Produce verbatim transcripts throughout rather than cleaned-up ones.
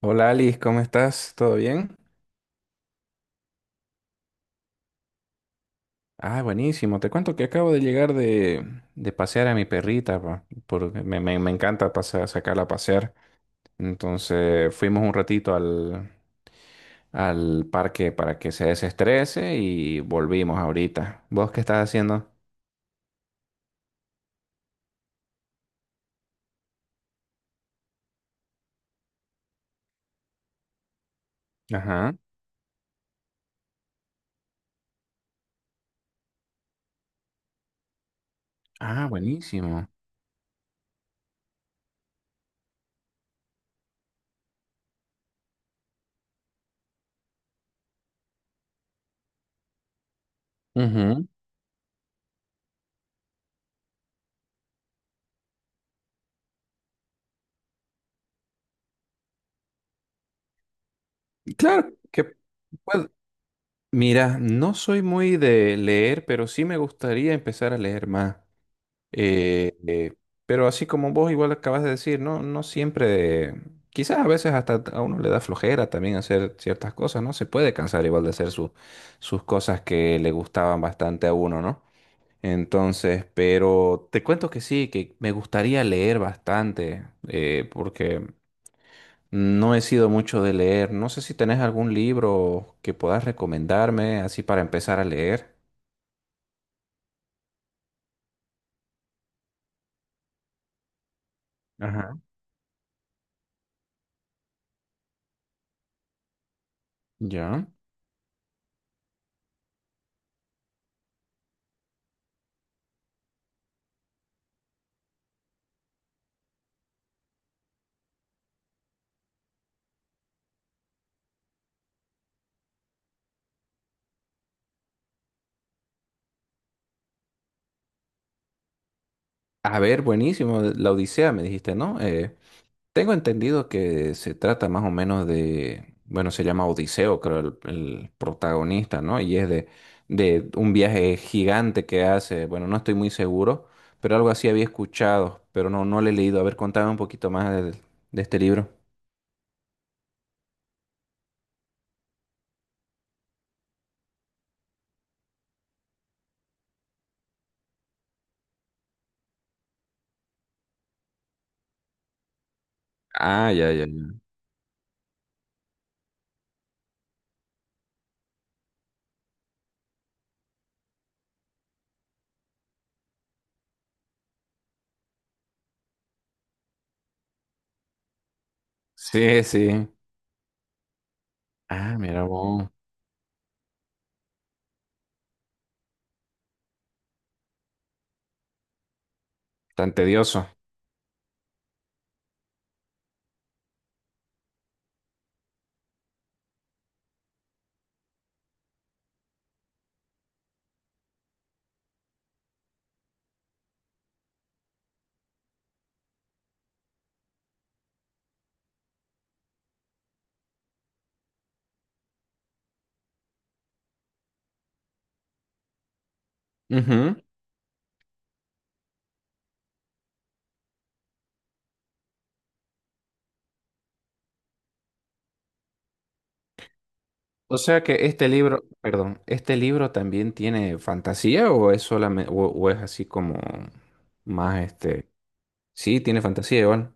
Hola Alice, ¿cómo estás? ¿Todo bien? Ah, buenísimo. Te cuento que acabo de llegar de, de pasear a mi perrita, pa, porque me, me- me encanta pasear, sacarla a pasear. Entonces fuimos un ratito al, al parque para que se desestrese y volvimos ahorita. ¿Vos qué estás haciendo? Ajá. Ah, buenísimo. Ujú. Claro que pues, mira, no soy muy de leer, pero sí me gustaría empezar a leer más. Eh, eh, pero así como vos igual acabas de decir, no, no siempre, quizás a veces hasta a uno le da flojera también hacer ciertas cosas, ¿no? Se puede cansar igual de hacer su- sus cosas que le gustaban bastante a uno, ¿no? Entonces, pero te cuento que sí, que me gustaría leer bastante, eh, porque no he sido mucho de leer. No sé si tenés algún libro que puedas recomendarme así para empezar a leer. Ajá. Ya. A ver, buenísimo. La Odisea, me dijiste, ¿no? Eh, tengo entendido que se trata más o menos de, bueno, se llama Odiseo, creo, el, el protagonista, ¿no? Y es de, de un viaje gigante que hace, bueno, no estoy muy seguro, pero algo así había escuchado, pero no, no lo he leído. A ver, contame un poquito más del- de, este libro. Ah, ya, ya, ya. Sí, sí. Ah, mira vos, tan tedioso. Ujú. O sea que este libro, perdón, ¿este libro también tiene fantasía o es solamente, o o es así como más este... Sí, tiene fantasía igual.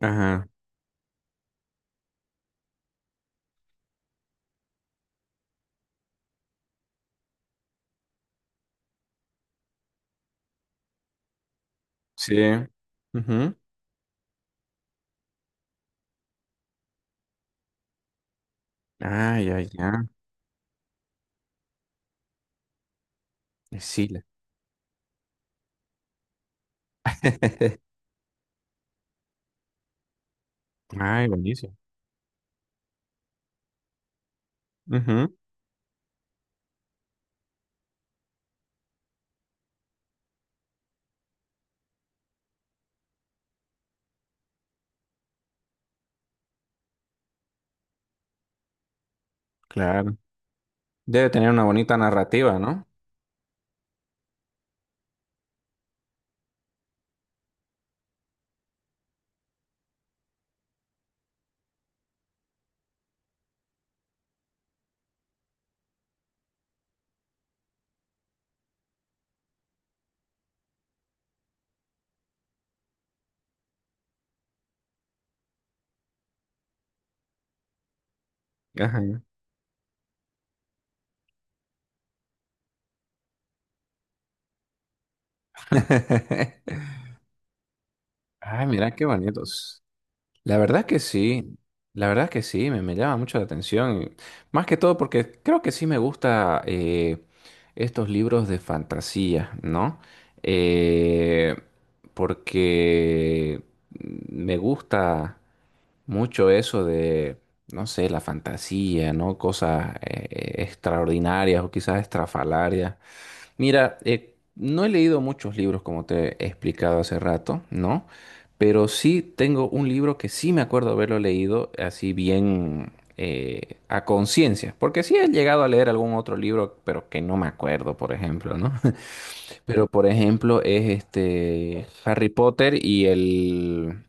Ajá. Sí. Ujú. Ay, ay, ya. Sí, la... Ay, buenísimo. Ujú. Claro. Debe tener una bonita narrativa, ¿no? Ajá. Ay, mira qué bonitos. La verdad que sí. La verdad que sí, me, me llama mucho la atención. Más que todo porque creo que sí me gusta eh, estos libros de fantasía, ¿no? Eh, porque me gusta mucho eso de, no sé, la fantasía, ¿no? Cosas eh, eh, extraordinarias o quizás estrafalarias. Mira, eh, no he leído muchos libros como te he explicado hace rato, ¿no? Pero sí tengo un libro que sí me acuerdo haberlo leído así bien eh, a conciencia, porque sí he llegado a leer algún otro libro, pero que no me acuerdo, por ejemplo, ¿no? Pero por ejemplo es este Harry Potter y el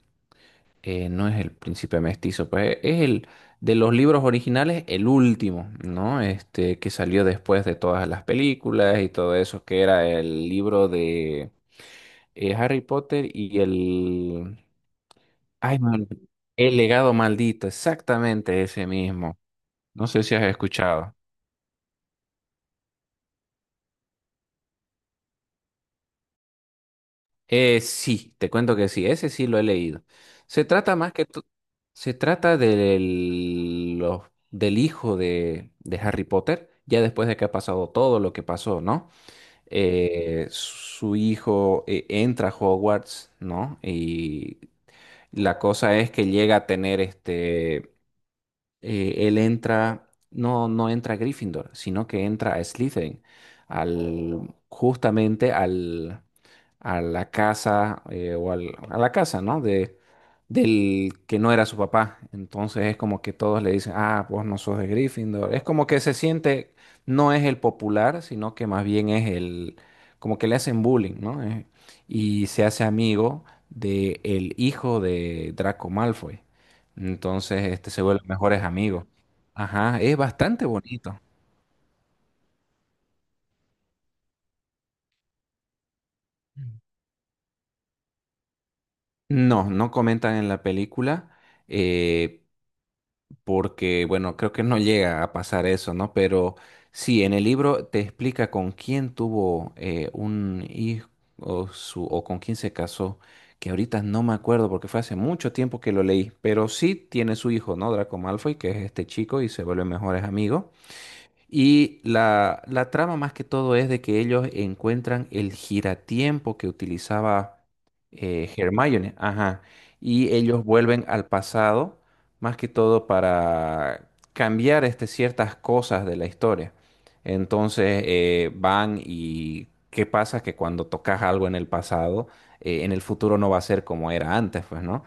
eh, no es el príncipe mestizo, pues es el de los libros originales, el último, ¿no? Este que salió después de todas las películas y todo eso, que era el libro de eh, Harry Potter y el... Ay, me olvidé. El legado maldito, exactamente ese mismo. No sé si has escuchado. Eh, sí, te cuento que sí, ese sí lo he leído. Se trata más que to- se trata del, los- del hijo de, de Harry Potter, ya después de que ha pasado todo lo que pasó, ¿no? Eh, su hijo eh, entra a Hogwarts, ¿no? Y la cosa es que llega a tener este, eh, él entra, no, no entra a Gryffindor, sino que entra a Slytherin, al, justamente al a la casa eh, o al- a la casa, ¿no? De, del que no era su papá. Entonces es como que todos le dicen, ah, vos no sos de Gryffindor. Es como que se siente, no es el popular, sino que más bien es el, como que le hacen bullying, ¿no? Eh, y se hace amigo de el hijo de Draco Malfoy. Entonces, este, se vuelven mejores amigos. Ajá, es bastante bonito. No, no comentan en la película, eh, porque, bueno, creo que no llega a pasar eso, ¿no? Pero sí, en el libro te explica con quién tuvo eh, un hijo o, su, o con quién se casó, que ahorita no me acuerdo porque fue hace mucho tiempo que lo leí, pero sí tiene su hijo, ¿no? Draco Malfoy, que es este chico y se vuelven mejores amigos. Y la, la trama más que todo es de que ellos encuentran el giratiempo que utilizaba eh, Hermione, ajá, y ellos vuelven al pasado, más que todo para cambiar este, ciertas cosas de la historia. Entonces eh, van y ¿qué pasa? Que cuando tocas algo en el pasado, eh, en el futuro no va a ser como era antes, pues, ¿no?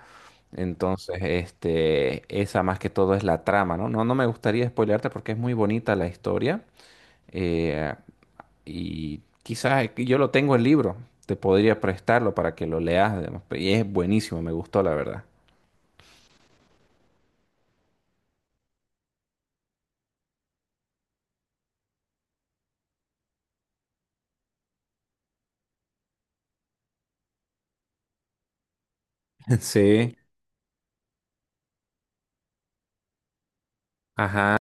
Entonces, este, esa más que todo es la trama, ¿no? No, no me gustaría spoilearte porque es muy bonita la historia. eh, y quizás aquí yo lo tengo el libro, te podría prestarlo para que lo leas, digamos, y es buenísimo, me gustó la verdad. Sí, ajá.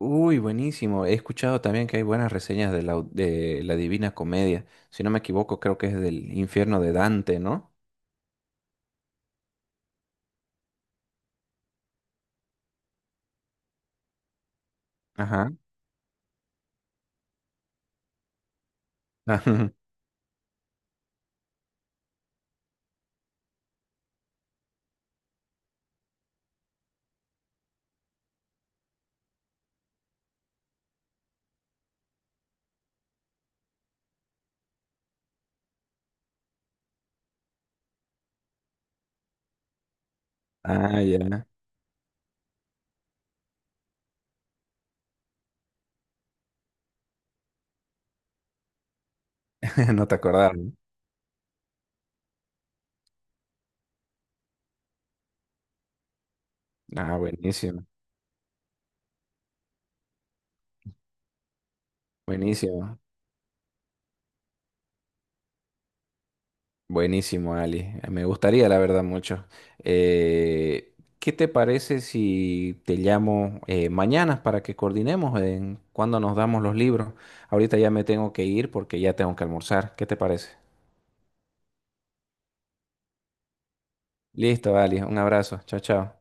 Uy, buenísimo. He escuchado también que hay buenas reseñas de la, de la Divina Comedia. Si no me equivoco, creo que es del infierno de Dante, ¿no? Ajá. Ah, ya. No te acordás, ¿no? Ah, buenísimo. Buenísimo. Buenísimo, Ali. Me gustaría, la verdad, mucho. Eh, ¿qué te parece si te llamo eh, mañana para que coordinemos en cuándo nos damos los libros? Ahorita ya me tengo que ir porque ya tengo que almorzar. ¿Qué te parece? Listo, Ali. Un abrazo. Chao, chao.